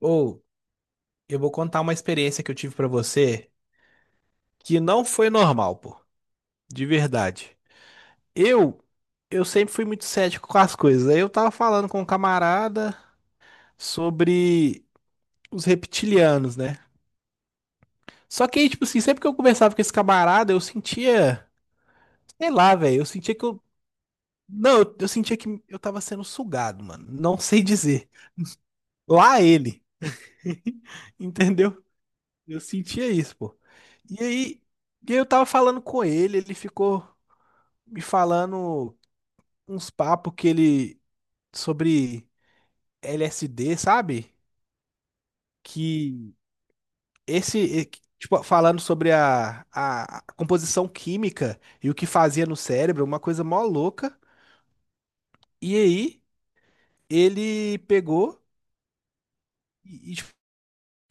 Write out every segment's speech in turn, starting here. Ou eu vou contar uma experiência que eu tive pra você que não foi normal, pô. De verdade. Eu eu sempre fui muito cético com as coisas. Aí eu tava falando com um camarada sobre os reptilianos, né? Só que aí, tipo assim, sempre que eu conversava com esse camarada, eu sentia, sei lá, velho, eu sentia que eu não, eu sentia que eu tava sendo sugado, mano. Não sei dizer. Lá ele, entendeu? Eu sentia isso, pô. E aí, e aí eu tava falando com ele, ele ficou me falando uns papos que ele sobre LSD, sabe? Que esse, e- que, tipo, falando sobre a composição química e o que fazia no cérebro, uma coisa mó louca. E aí ele pegou e tipo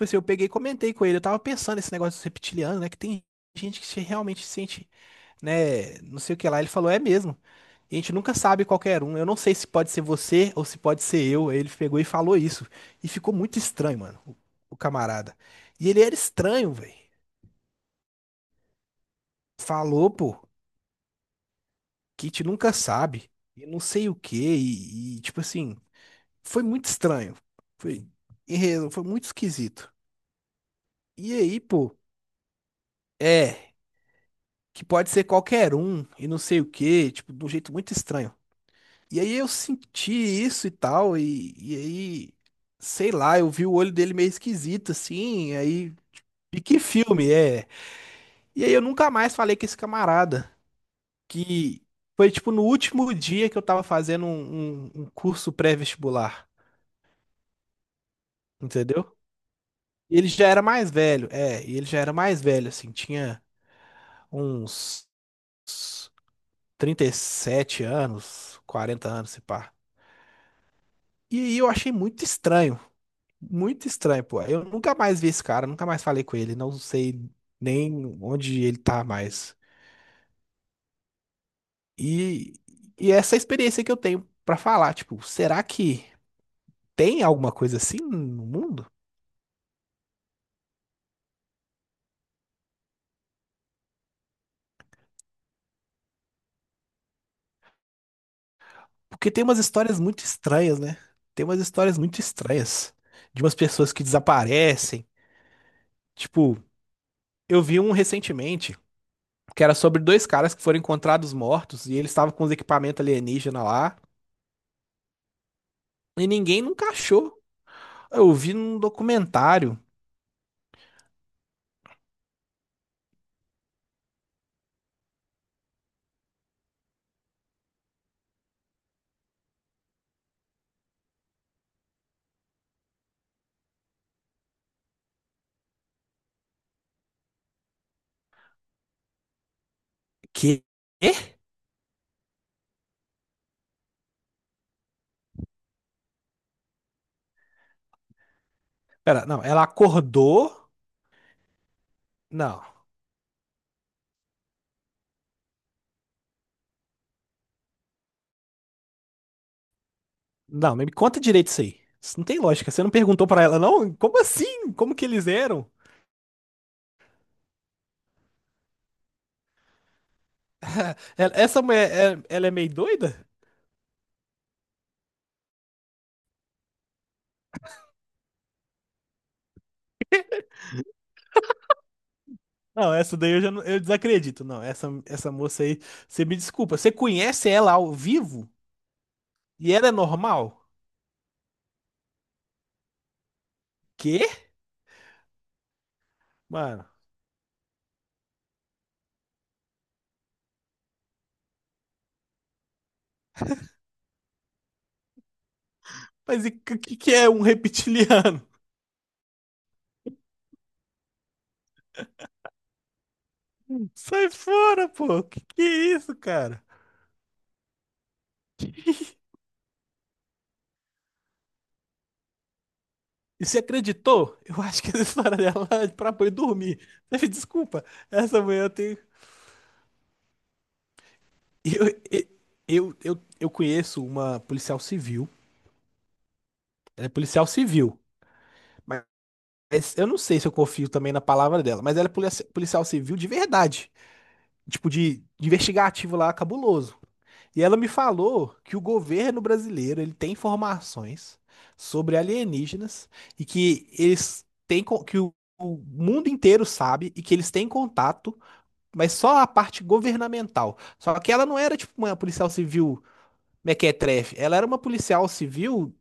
assim, eu peguei e comentei com ele. Eu tava pensando nesse negócio dos reptilianos, né? Que tem gente que se- realmente se sente, né? Não sei o que lá. Ele falou, é mesmo. E a gente nunca sabe qualquer um. Eu não sei se pode ser você ou se pode ser eu. Aí ele pegou e falou isso. E ficou muito estranho, mano, o camarada. E ele era estranho, velho. Falou, pô, que a gente nunca sabe. E não sei o quê. E, foi muito estranho. Foi, foi muito esquisito. E aí, pô, é, que pode ser qualquer um. E não sei o quê. Tipo, de um jeito muito estranho. E aí eu senti isso e tal, sei lá, eu vi o olho dele meio esquisito, assim, aí, tipo, e que filme é? E aí eu nunca mais falei com esse camarada, que foi, tipo, no último dia que eu tava fazendo um curso pré-vestibular, entendeu? Ele já era mais velho, é, e ele já era mais velho, assim, tinha uns 37 anos, 40 anos, se pá. E aí eu achei muito estranho, muito estranho, pô. Eu nunca mais vi esse cara, nunca mais falei com ele, não sei nem onde ele tá mais. E, e é essa experiência que eu tenho pra falar, tipo, será que tem alguma coisa assim no mundo? Porque tem umas histórias muito estranhas, né? Tem umas histórias muito estranhas de umas pessoas que desaparecem. Tipo, eu vi um recentemente que era sobre dois caras que foram encontrados mortos e eles estavam com os equipamentos alienígena lá e ninguém nunca achou. Eu vi num documentário. Quê? Pera, não, ela acordou. Não, não, me conta direito isso aí. Isso não tem lógica. Você não perguntou pra ela, não? Como assim? Como que eles eram? Essa mulher, ela é meio doida? Não, essa daí eu desacredito. Não, essa moça aí, você me desculpa. Você conhece ela ao vivo? E ela é normal? Quê? Mano, mas o que, que é um reptiliano? Sai fora, pô. Que é isso, cara? E você acreditou? Eu acho que essa história dela é pra boi dormir. Teve desculpa. Essa manhã eu tenho. Eu, eu conheço uma policial civil. Ela é policial civil. Mas eu não sei se eu confio também na palavra dela. Mas ela é policial civil de verdade. Tipo, de investigativo lá, cabuloso. E ela me falou que o governo brasileiro ele tem informações sobre alienígenas e que Que o mundo inteiro sabe e que eles têm contato, mas só a parte governamental. Só que ela não era tipo uma policial civil mequetrefe, ela era uma policial civil,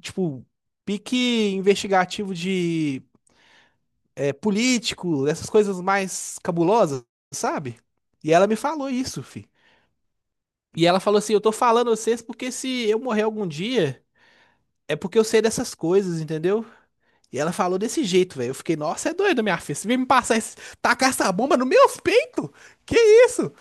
tipo, pique investigativo de é, político, essas coisas mais cabulosas, sabe? E ela me falou isso, fi. E ela falou assim: eu tô falando a vocês porque se eu morrer algum dia, é porque eu sei dessas coisas, entendeu? E ela falou desse jeito, velho. Eu fiquei, nossa, é doido, minha filha. Você vem me passar esse. Tacar essa bomba no meus peitos? Que isso?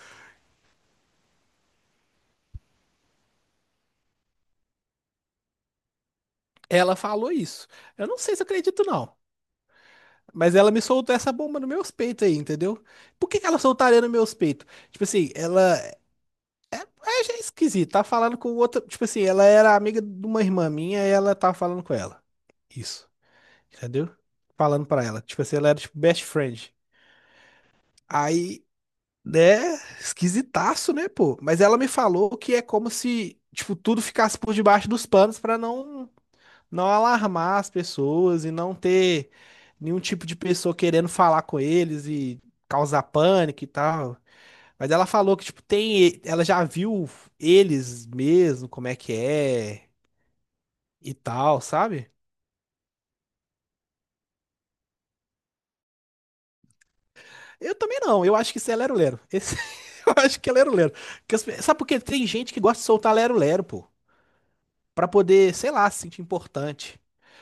Ela falou isso. Eu não sei se eu acredito, não. Mas ela me soltou essa bomba no meus peitos aí, entendeu? Por que que ela soltaria no meus peitos? Tipo assim, ela. É, é já esquisito. Tá falando com outra. Tipo assim, ela era amiga de uma irmã minha e ela tava falando com ela. Isso. Entendeu? Falando pra ela. Tipo assim, ela era tipo best friend. Aí, né? Esquisitaço, né, pô? Mas ela me falou que é como se, tipo, tudo ficasse por debaixo dos panos pra não alarmar as pessoas e não ter nenhum tipo de pessoa querendo falar com eles e causar pânico e tal. Mas ela falou que, tipo, tem, ela já viu eles mesmo, como é que é e tal, sabe? Eu também não, eu acho que isso é lero-lero. Eu acho que é lero-lero. Porque sabe por quê? Tem gente que gosta de soltar lero-lero, pô, pra poder, sei lá, se sentir importante.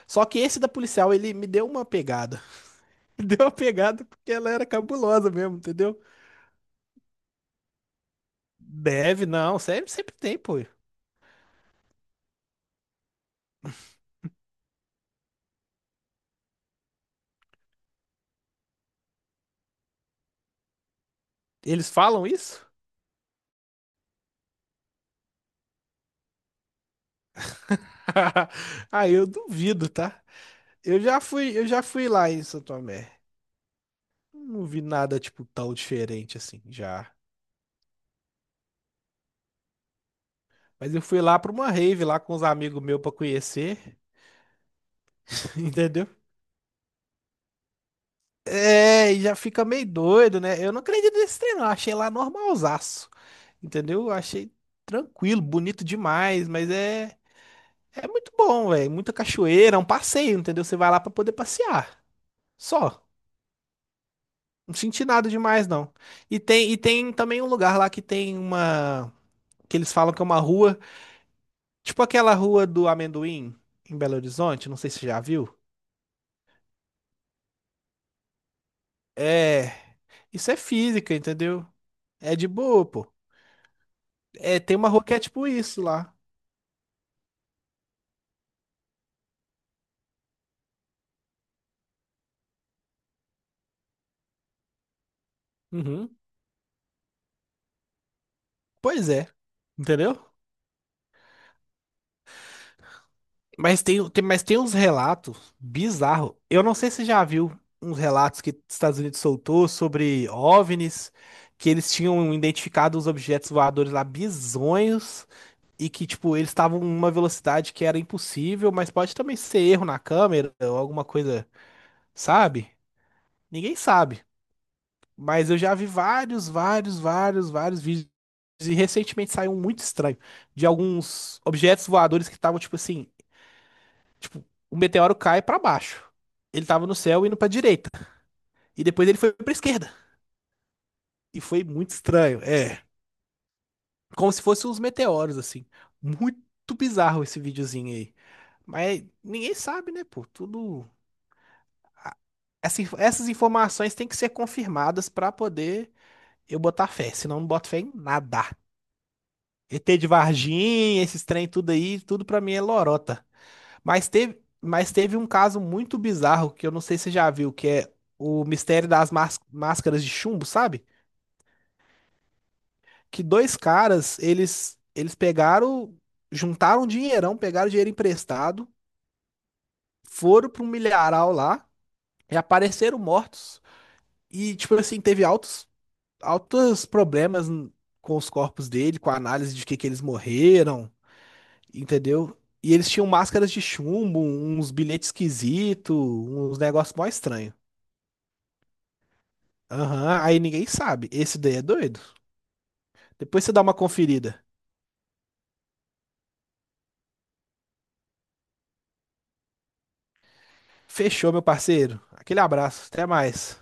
Só que esse da policial, ele me deu uma pegada. Me deu uma pegada porque ela era cabulosa mesmo, entendeu? Deve, não. Sempre, sempre tem, pô. Eles falam isso? Ah, eu duvido, tá? Eu já fui lá em São Tomé. Não vi nada, tipo, tão diferente assim, já. Mas eu fui lá pra uma rave lá com uns amigos meus pra conhecer, entendeu? É, e já fica meio doido, né? Eu não acredito nesse trem, não. Achei lá normalzaço, entendeu? Achei tranquilo, bonito demais, mas é, é muito bom, velho. Muita cachoeira, é um passeio, entendeu? Você vai lá pra poder passear. Só. Não senti nada demais, não. E tem também um lugar lá que tem uma. Que eles falam que é uma rua. Tipo aquela rua do amendoim em Belo Horizonte. Não sei se você já viu. É. Isso é física, entendeu? É de boa, pô. É, tem uma rua que é tipo isso lá. Uhum. Pois é. Entendeu? Mas tem, mas tem uns relatos bizarros. Eu não sei se você já viu uns relatos que os Estados Unidos soltou sobre OVNIs, que eles tinham identificado os objetos voadores lá bizonhos. E que, tipo, eles estavam em uma velocidade que era impossível, mas pode também ser erro na câmera ou alguma coisa, sabe? Ninguém sabe. Mas eu já vi vários vídeos e recentemente saiu um muito estranho de alguns objetos voadores que estavam, tipo assim, tipo, o meteoro cai pra baixo. Ele tava no céu indo pra direita e depois ele foi pra esquerda. E foi muito estranho, é, como se fossem uns meteoros assim. Muito bizarro esse videozinho aí. Mas ninguém sabe, né, pô? Tudo essas informações têm que ser confirmadas para poder eu botar fé, senão eu não boto fé em nada. ET de Varginha, esses trem tudo aí, tudo para mim é lorota. Mas teve um caso muito bizarro que eu não sei se você já viu, que é o mistério das máscaras de chumbo, sabe? Que dois caras, eles pegaram, juntaram um dinheirão, pegaram dinheiro emprestado, foram para um milharal lá e apareceram mortos. E tipo assim, teve altos problemas com os corpos dele, com a análise de que eles morreram, entendeu? E eles tinham máscaras de chumbo, uns bilhetes esquisitos, uns negócios mó estranhos. Aham, aí ninguém sabe. Esse daí é doido. Depois você dá uma conferida. Fechou, meu parceiro. Aquele abraço, até mais.